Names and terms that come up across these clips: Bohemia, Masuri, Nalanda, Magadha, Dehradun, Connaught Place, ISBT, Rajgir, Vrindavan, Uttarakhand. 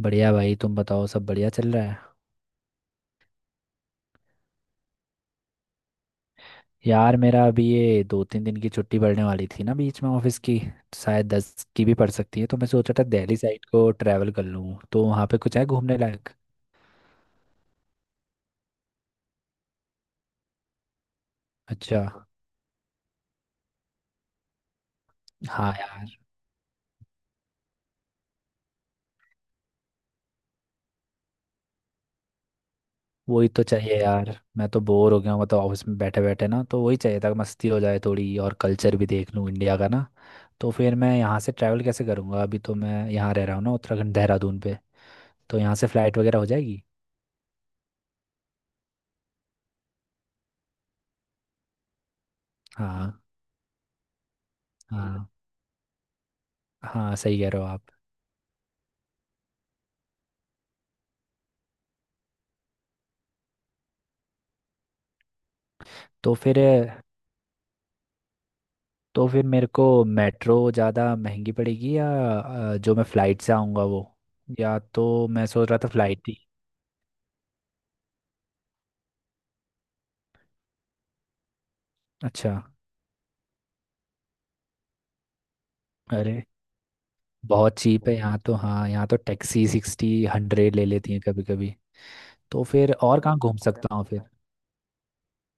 बढ़िया भाई। तुम बताओ, सब बढ़िया चल रहा है। यार मेरा अभी ये दो तीन दिन की छुट्टी पड़ने वाली थी ना बीच में ऑफिस की, तो शायद दस की भी पड़ सकती है। तो मैं सोचा था दिल्ली साइड को ट्रैवल कर लूँ। तो वहाँ पे कुछ है घूमने लायक? अच्छा। हाँ यार। वही तो चाहिए यार। मैं तो बोर हो गया हूँ, मतलब ऑफिस में बैठे बैठे ना, तो वही चाहिए था कि मस्ती हो जाए थोड़ी, और कल्चर भी देख लूँ इंडिया का ना। तो फिर मैं यहाँ से ट्रैवल कैसे करूँगा? अभी तो मैं यहाँ रह रहा हूँ ना, उत्तराखंड देहरादून पे। तो यहाँ से फ्लाइट वगैरह हो जाएगी? हाँ हाँ। हाँ सही कह रहे हो आप। तो फिर तो फिर मेरे को मेट्रो ज़्यादा महंगी पड़ेगी, या जो मैं फ़्लाइट से आऊँगा वो? या तो मैं सोच रहा था फ़्लाइट ही। अच्छा। अरे, बहुत चीप है यहाँ तो। हाँ, यहाँ तो टैक्सी सिक्सटी हंड्रेड ले लेती हैं कभी कभी। तो फिर और कहाँ घूम सकता हूँ फिर?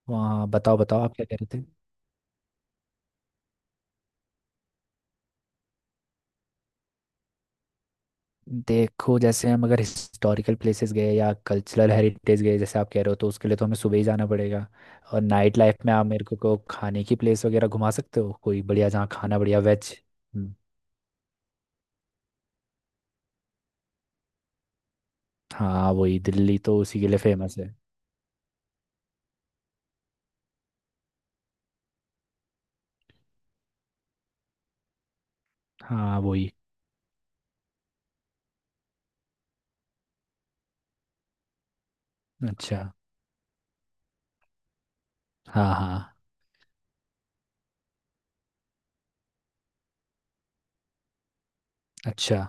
वहाँ बताओ बताओ, आप क्या कह रहे थे? देखो, जैसे हम अगर हिस्टोरिकल प्लेसेस गए या कल्चरल हेरिटेज गए जैसे आप कह रहे हो, तो उसके लिए तो हमें सुबह ही जाना पड़ेगा। और नाइट लाइफ में आप मेरे को खाने की प्लेस वगैरह घुमा सकते हो कोई बढ़िया, जहाँ खाना बढ़िया वेज। हाँ वही, दिल्ली तो उसी के लिए फेमस है। हाँ वही। अच्छा। हाँ हाँ। अच्छा।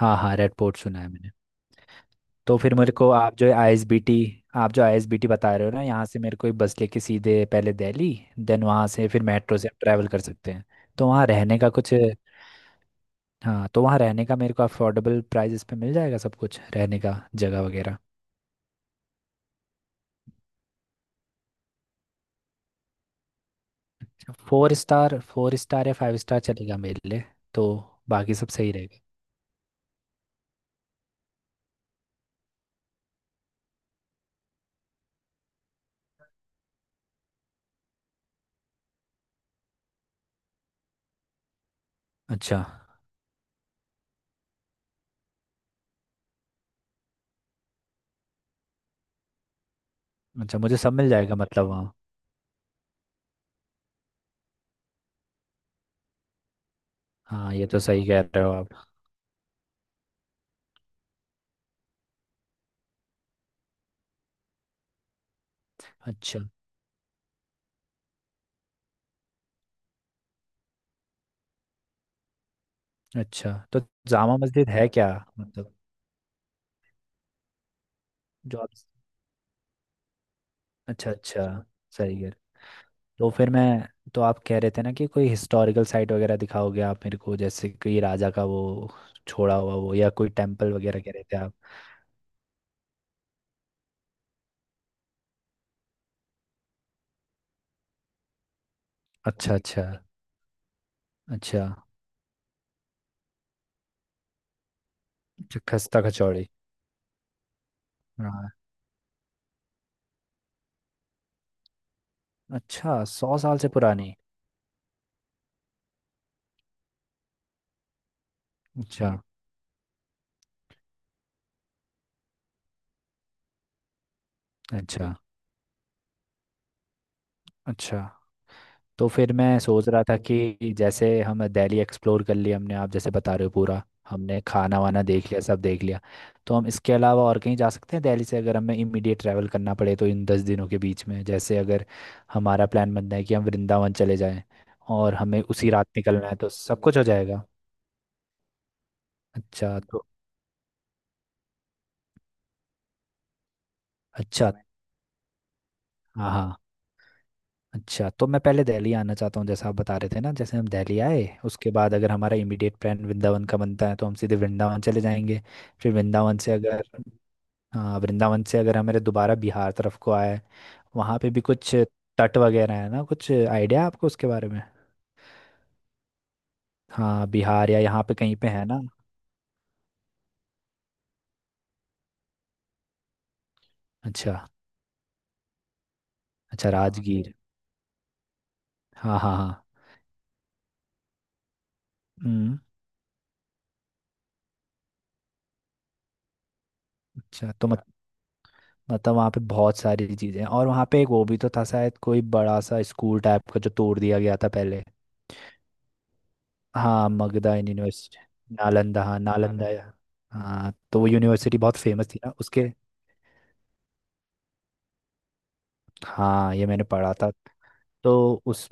हाँ हाँ रेड पोर्ट सुना है मैंने। तो फिर मेरे को आप जो आईएसबीटी बता रहे हो ना, यहाँ से मेरे को एक बस लेके सीधे पहले दिल्ली, देन वहाँ से फिर मेट्रो से ट्रैवल कर सकते हैं। तो वहाँ रहने का कुछ? हाँ, तो वहाँ रहने का मेरे को अफोर्डेबल प्राइजेस पे मिल जाएगा सब कुछ, रहने का जगह वगैरह। फोर स्टार या फाइव स्टार चलेगा मेरे लिए। तो बाकी सब सही रहेगा। अच्छा। अच्छा मुझे सब मिल जाएगा मतलब वहाँ? हाँ, ये तो सही कह रहे हो आप। अच्छा। अच्छा तो जामा मस्जिद है क्या? मतलब, जो आप? अच्छा अच्छा। सही कह रहे। तो फिर मैं तो आप कह रहे थे ना कि कोई हिस्टोरिकल साइट वगैरह दिखाओगे आप मेरे को, जैसे कोई राजा का वो छोड़ा हुआ वो या कोई टेम्पल वगैरह कह रहे थे आप? अच्छा अच्छा। अच्छा। अच्छा खस्ता कचौड़ी। हाँ। अच्छा सौ साल से पुरानी। अच्छा। अच्छा। अच्छा तो फिर मैं सोच रहा था कि जैसे हम दिल्ली एक्सप्लोर कर लिया हमने, आप जैसे बता रहे हो पूरा, हमने खाना वाना देख लिया, सब देख लिया, तो हम इसके अलावा और कहीं जा सकते हैं दिल्ली से अगर हमें इमीडिएट ट्रैवल करना पड़े तो इन दस दिनों के बीच में? जैसे अगर हमारा प्लान बनता है कि हम वृंदावन चले जाएं, और हमें उसी रात निकलना है, तो सब कुछ हो जाएगा। अच्छा तो। अच्छा। हाँ हाँ। अच्छा तो मैं पहले दिल्ली आना चाहता हूँ, जैसा आप बता रहे थे ना, जैसे हम दिल्ली आए उसके बाद अगर हमारा इमीडिएट प्लान वृंदावन का बनता है तो हम सीधे वृंदावन चले जाएंगे। फिर वृंदावन से अगर, हाँ वृंदावन से अगर हमारे दोबारा बिहार तरफ को आए, वहाँ पे भी कुछ तट वगैरह है ना? कुछ आइडिया है आपको उसके बारे में? हाँ, बिहार या यहाँ पे कहीं पे है ना? अच्छा। अच्छा हाँ राजगीर। हाँ हाँ हाँ। हम्म। अच्छा तो रा- मत, मतलब वहाँ पे बहुत सारी चीज़ें हैं, और वहाँ पे एक वो भी तो था शायद, कोई बड़ा सा स्कूल टाइप का जो तोड़ दिया गया था पहले। हाँ, मगधा यूनिवर्सिटी। नालंदा, हाँ नालंदा नालंदा। हाँ तो वो यूनिवर्सिटी बहुत फेमस थी ना उसके। हाँ ये मैंने पढ़ा था। तो उस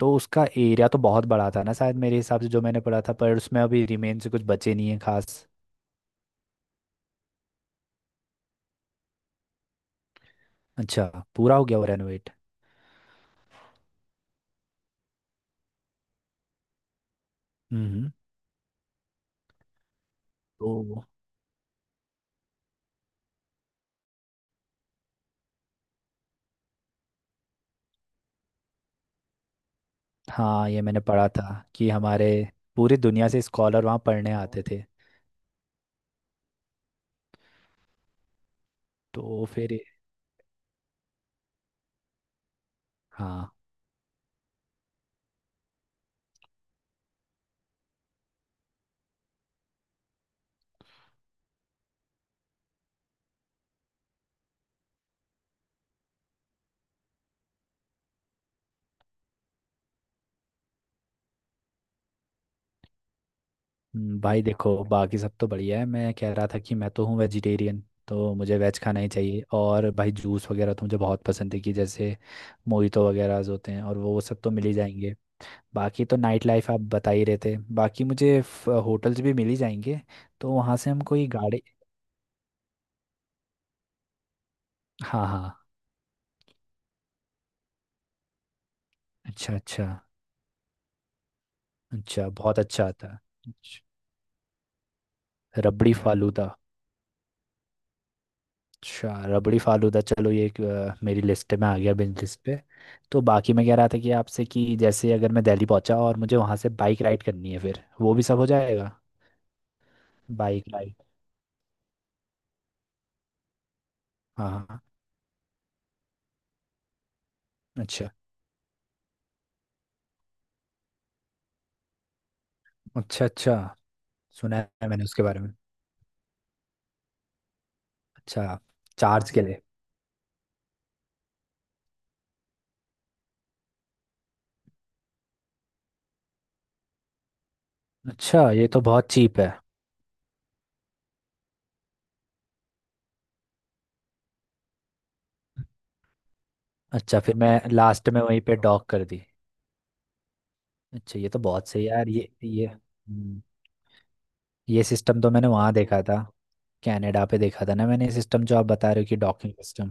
तो उसका एरिया तो बहुत बड़ा था ना शायद, मेरे हिसाब से जो मैंने पढ़ा था, पर उसमें अभी रिमेन से कुछ बचे नहीं है खास। अच्छा। पूरा हो गया वो रेनोवेट? हम्म। तो हाँ, ये मैंने पढ़ा था कि हमारे पूरी दुनिया से स्कॉलर वहाँ पढ़ने आते थे। तो फिर हाँ भाई देखो, बाकी सब तो बढ़िया है। मैं कह रहा था कि मैं तो हूँ वेजिटेरियन, तो मुझे वेज खाना ही चाहिए। और भाई जूस वगैरह तो मुझे बहुत पसंद है, कि जैसे मोहितो वगैरह होते हैं, और वो सब तो मिल ही जाएंगे। बाकी तो नाइट लाइफ आप बता ही रहे थे, बाकी मुझे होटल्स भी मिल ही जाएंगे। तो वहाँ से हम कोई गाड़ी। हाँ हाँ। अच्छा। अच्छा। अच्छा बहुत अच्छा आता है। अच्छा। रबड़ी फालूदा। अच्छा रबड़ी फालूदा, चलो ये एक, मेरी लिस्ट में आ गया, बिज लिस्ट पे। तो बाकी मैं कह रहा था कि आपसे, कि जैसे अगर मैं दिल्ली पहुंचा और मुझे वहां से बाइक राइड करनी है, फिर वो भी सब हो जाएगा। Bike ride. हाँ हाँ हाँ। अच्छा। अच्छा। अच्छा सुना है मैंने उसके बारे में। अच्छा। चार्ज के लिए? अच्छा, ये तो बहुत चीप है। अच्छा, फिर मैं लास्ट में वहीं पे डॉक कर दी। अच्छा ये तो बहुत सही है यार, ये सिस्टम तो मैंने वहाँ देखा था, कनाडा पे देखा था ना मैंने, सिस्टम जो आप बता रहे हो, कि डॉकिंग सिस्टम।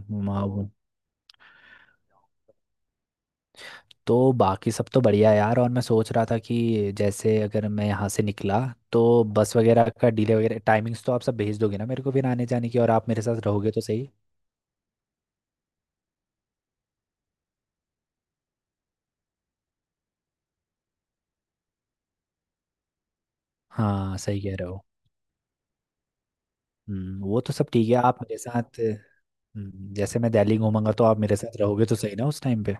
तो बाकी सब तो बढ़िया यार। और मैं सोच रहा था कि जैसे अगर मैं यहाँ से निकला, तो बस वगैरह का डिले वगैरह टाइमिंग्स तो आप सब भेज दोगे ना मेरे को, फिर आने जाने की, और आप मेरे साथ रहोगे तो सही। हाँ सही कह रहे हो। वो तो सब ठीक है, आप मेरे साथ। जैसे मैं दिल्ली घूमूंगा तो आप मेरे साथ रहोगे तो सही ना उस टाइम पे।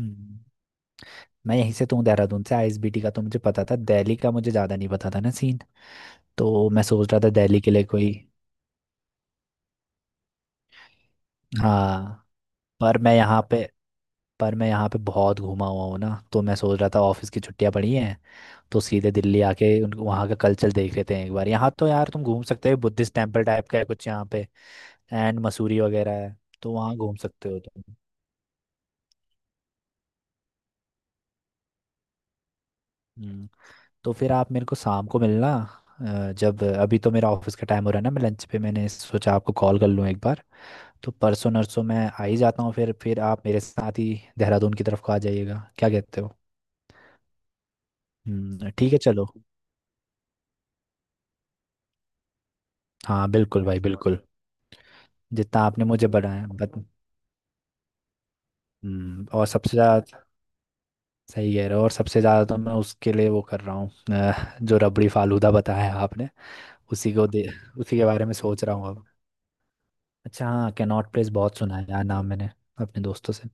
हम्म, मैं यहीं से तू, देहरादून से। आईएसबीटी का तो मुझे पता था, दिल्ली का मुझे ज़्यादा नहीं पता था ना सीन। तो मैं सोच रहा था दिल्ली के लिए कोई। हाँ। पर मैं यहाँ पे पर मैं यहाँ पे बहुत घूमा हुआ हूँ ना, तो मैं सोच रहा था ऑफिस की छुट्टियां पड़ी हैं, तो सीधे दिल्ली आके उन वहाँ का कल्चर देख लेते हैं एक बार। यहाँ तो यार तुम घूम सकते हो, बुद्धिस्ट टेम्पल टाइप का है कुछ यहाँ पे, एंड मसूरी वगैरह है, तो वहाँ घूम सकते हो तुम। हम्म, तो फिर आप मेरे को शाम को मिलना। जब, अभी तो मेरा ऑफिस का टाइम हो रहा है ना, मैं लंच पे मैंने सोचा आपको कॉल कर लूँ एक बार। तो परसों नरसों मैं आ ही जाता हूँ, फिर आप मेरे साथ ही देहरादून की तरफ को आ जाइएगा, क्या कहते हो? ठीक है चलो। हाँ बिल्कुल भाई, बिल्कुल। जितना आपने मुझे बढ़ाया बत, और सबसे ज़्यादा, सही कह रहे हो। और सबसे ज़्यादा तो मैं उसके लिए वो कर रहा हूँ, जो रबड़ी फालूदा बताया आपने। उसी को दे उसी के बारे में सोच रहा हूँ अब। अच्छा हाँ, कैनॉट प्लेस बहुत सुना है यार नाम मैंने, अपने दोस्तों से।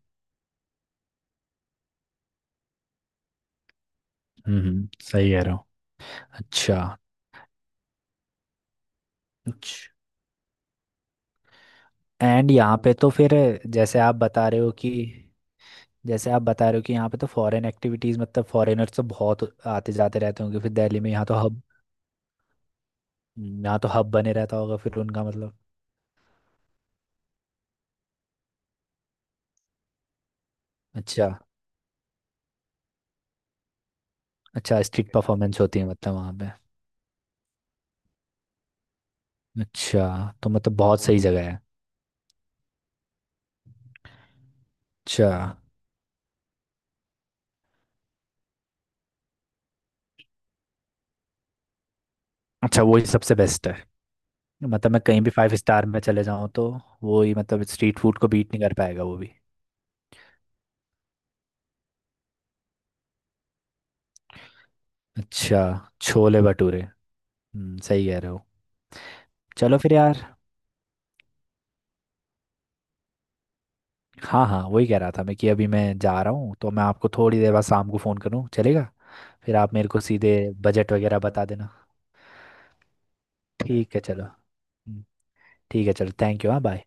सही कह रहे हो। अच्छा। एंड यहाँ पे तो फिर, जैसे आप बता रहे हो कि जैसे आप बता रहे हो कि यहाँ पे तो फॉरेन एक्टिविटीज़, मतलब फॉरेनर्स तो बहुत आते जाते रहते होंगे फिर दिल्ली में, यहाँ तो हब बने रहता होगा फिर उनका मतलब। अच्छा। अच्छा स्ट्रीट परफॉर्मेंस होती है मतलब वहाँ पे? अच्छा, तो मतलब बहुत, हाँ, सही जगह है। अच्छा। अच्छा वही सबसे बेस्ट है। मतलब मैं कहीं भी फाइव स्टार में चले जाऊँ तो वो ही, मतलब, स्ट्रीट फूड को बीट नहीं कर पाएगा वो भी। अच्छा। छोले भटूरे। सही कह रहे हो। चलो फिर यार। हाँ हाँ, वही कह रहा था मैं, कि अभी मैं जा रहा हूँ, तो मैं आपको थोड़ी देर बाद शाम को फ़ोन करूँ चलेगा? फिर आप मेरे को सीधे बजट वगैरह बता देना। ठीक है चलो। हम्म, ठीक है चलो। Thank you. हाँ बाय।